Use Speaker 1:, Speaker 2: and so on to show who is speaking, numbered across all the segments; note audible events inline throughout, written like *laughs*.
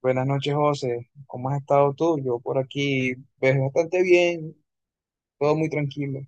Speaker 1: Buenas noches, José. ¿Cómo has estado tú? Yo por aquí, pues bastante bien, todo muy tranquilo.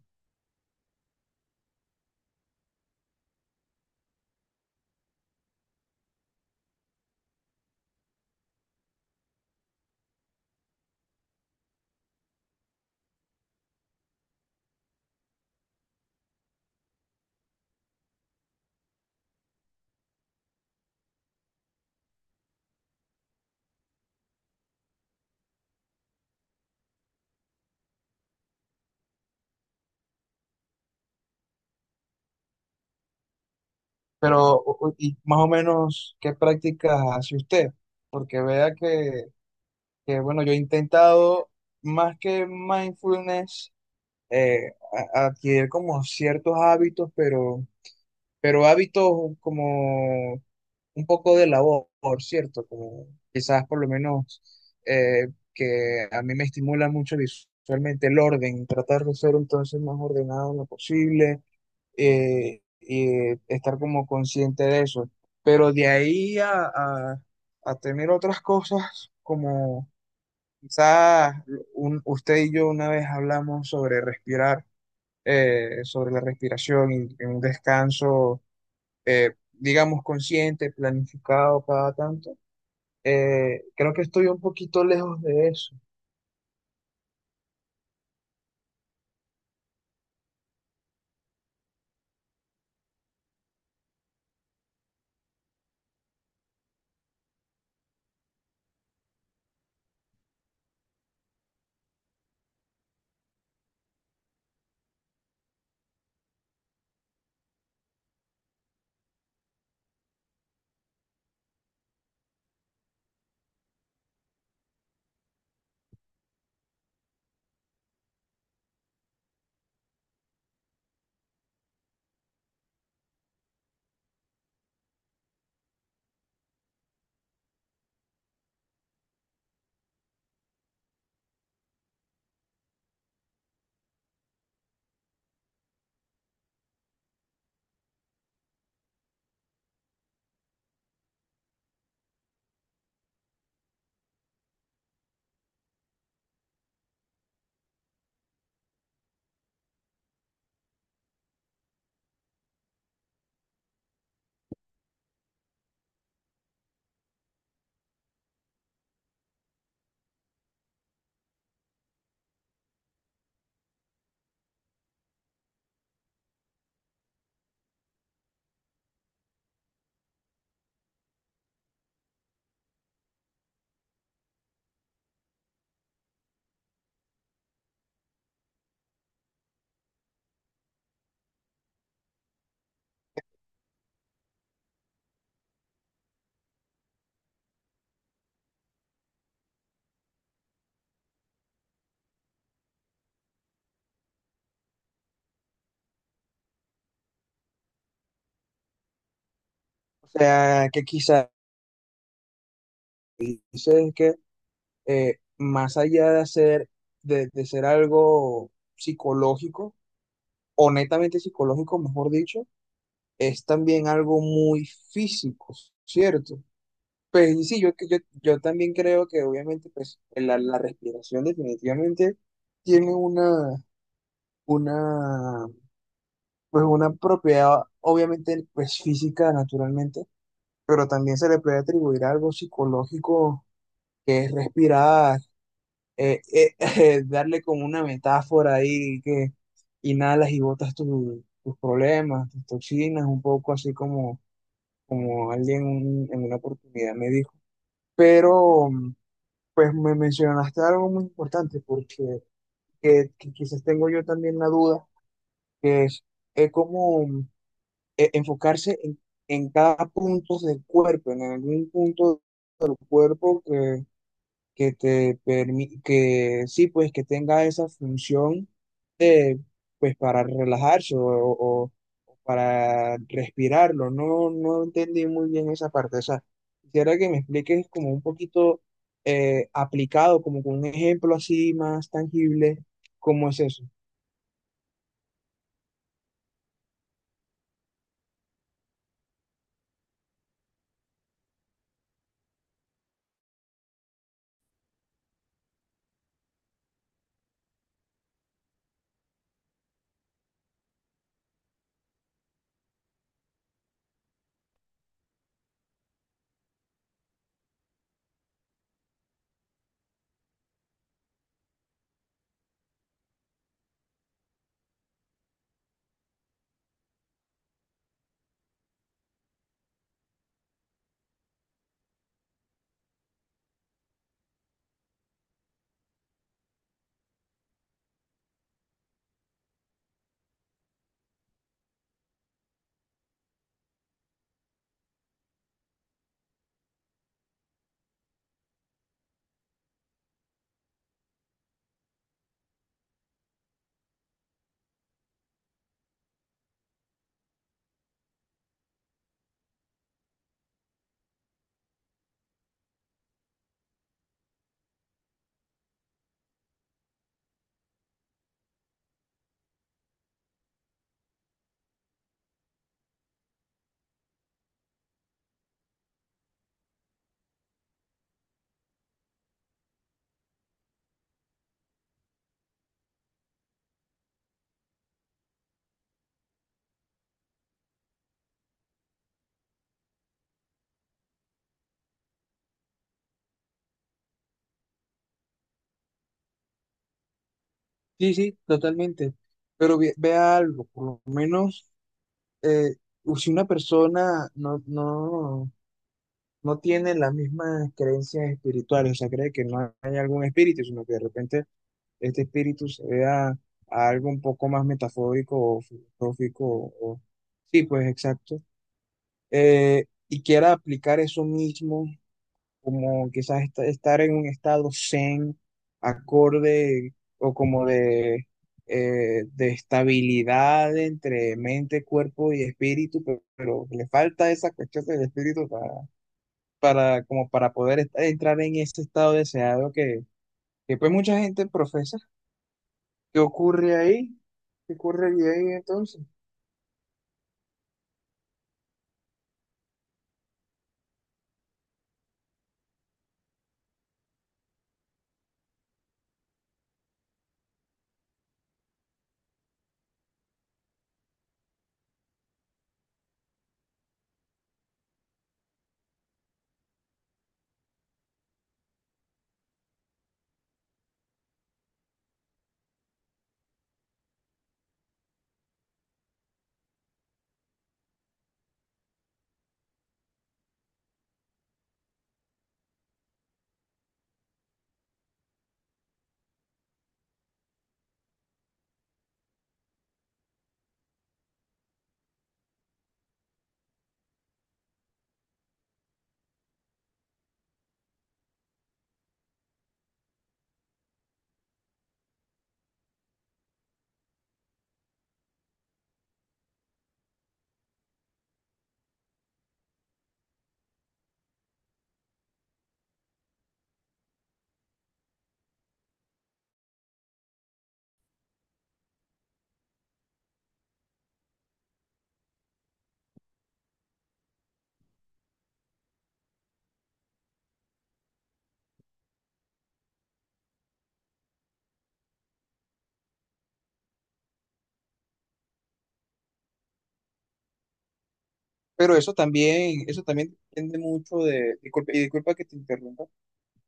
Speaker 1: Pero, y más o menos, ¿qué prácticas hace usted? Porque vea bueno, yo he intentado más que mindfulness, eh, adquirir como ciertos hábitos, pero hábitos como un poco de labor, ¿cierto? Como quizás por lo menos eh, que a mí me estimula mucho visualmente el orden, tratar de ser entonces más ordenado en lo posible, y estar como consciente de eso. Pero de ahí a tener otras cosas como quizás un- usted y yo una vez hablamos sobre respirar, sobre la respiración y un descanso. Digamos, consciente, planificado cada tanto, creo que estoy un poquito lejos de eso. O sea, que quizás dices que más allá de hacer, de ser algo psicológico, o netamente psicológico, mejor dicho, es también algo muy físico, ¿cierto? Pues y sí, yo también creo que obviamente pues, la respiración definitivamente tiene una, pues, una propiedad obviamente pues, física naturalmente, pero también se le puede atribuir algo psicológico, que es respirar, *laughs* darle como una metáfora ahí, que inhalas y botas tu- tus problemas, tus toxinas, un poco así como, como alguien un- en una oportunidad me dijo. Pero mm, pues me mencionaste algo muy importante, porque que quizás tengo yo también la duda, que es cómo enfocarse en cada punto del cuerpo, en algún punto del cuerpo que te permite, que sí, pues que tenga esa función de, pues para relajarse o para respirarlo. No, no entendí muy bien esa parte. O sea, quisiera que me expliques como un poquito, aplicado, como con un ejemplo así más tangible, cómo es eso. Sí, sí, totalmente. Pero ve, vea algo, por lo menos, eh, si una persona no, no no tiene las mismas creencias espirituales, o sea, cree que no hay algún espíritu, sino que de repente este espíritu se vea a algo un poco más metafórico o filosófico, o- sí, pues exacto. Y quiera aplicar eso mismo, como quizás est- estar en un estado zen, acorde o como de estabilidad entre mente, cuerpo y espíritu, pero le falta esa cuestión del espíritu para, como para poder est- entrar en ese estado deseado que pues mucha gente profesa. ¿Qué ocurre ahí? ¿Qué ocurre ahí entonces? Pero eso también depende mucho de, disculpa, y disculpa que te interrumpa,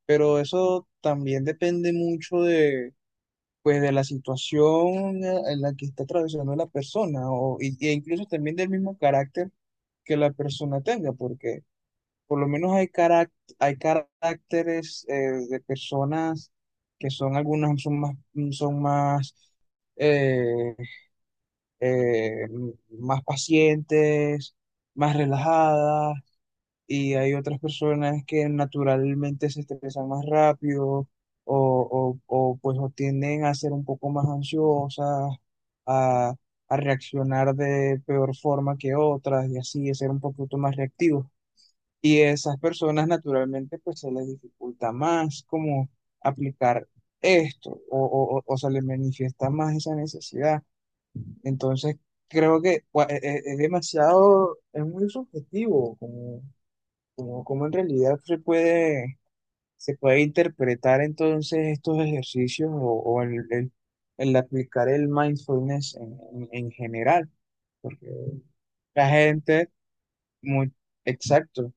Speaker 1: pero eso también depende mucho de, pues, de la situación, en la que está atravesando la persona, o, y- e incluso también del mismo carácter que la persona tenga, porque por lo menos hay hay caracteres, de personas que son, algunas son más son más eh, eh, más pacientes, más relajadas, y hay otras personas que naturalmente se estresan más rápido pues o tienden a ser un poco más ansiosas, a, a reaccionar de peor forma que otras y así a ser un poquito más reactivos. Y esas personas naturalmente pues se les dificulta más como aplicar esto o, o se les manifiesta más esa necesidad. Entonces creo que es, demasiado, es muy subjetivo como, como en realidad se puede interpretar entonces estos ejercicios o el, el aplicar el mindfulness en general, porque la gente, muy, exacto.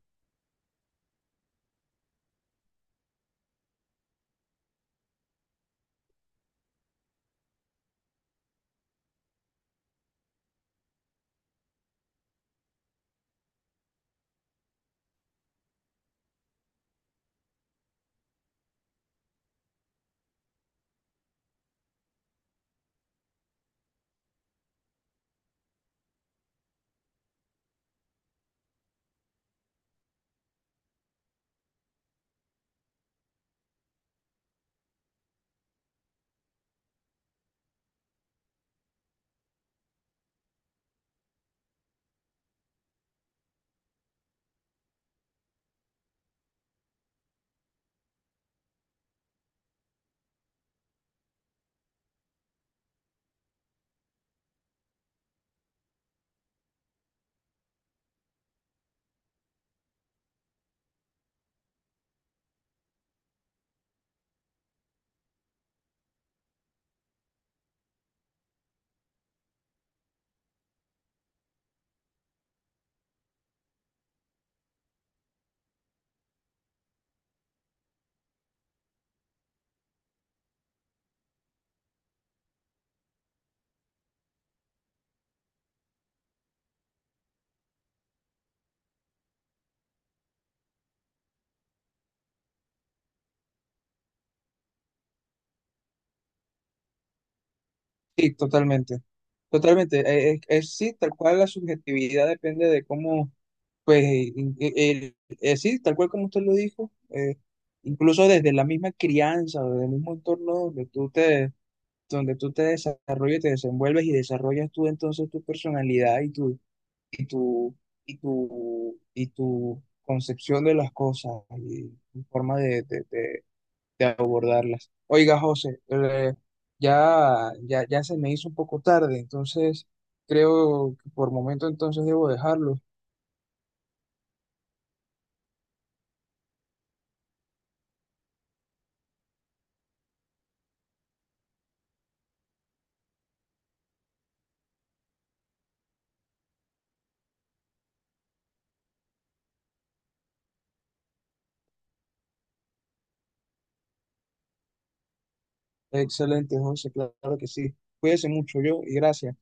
Speaker 1: Sí, totalmente. Totalmente. Es- sí, tal cual la subjetividad depende de cómo, pues, in- el, sí, tal cual como usted lo dijo, incluso desde la misma crianza, desde el mismo entorno donde tú te desarrollas, te desenvuelves y desarrollas tú entonces tu personalidad y tu, y tu concepción de las cosas y tu forma de abordarlas. Oiga, José, ya se me hizo un poco tarde, entonces creo que por momento entonces debo dejarlo. Excelente, José, claro que sí. Cuídese mucho yo y gracias.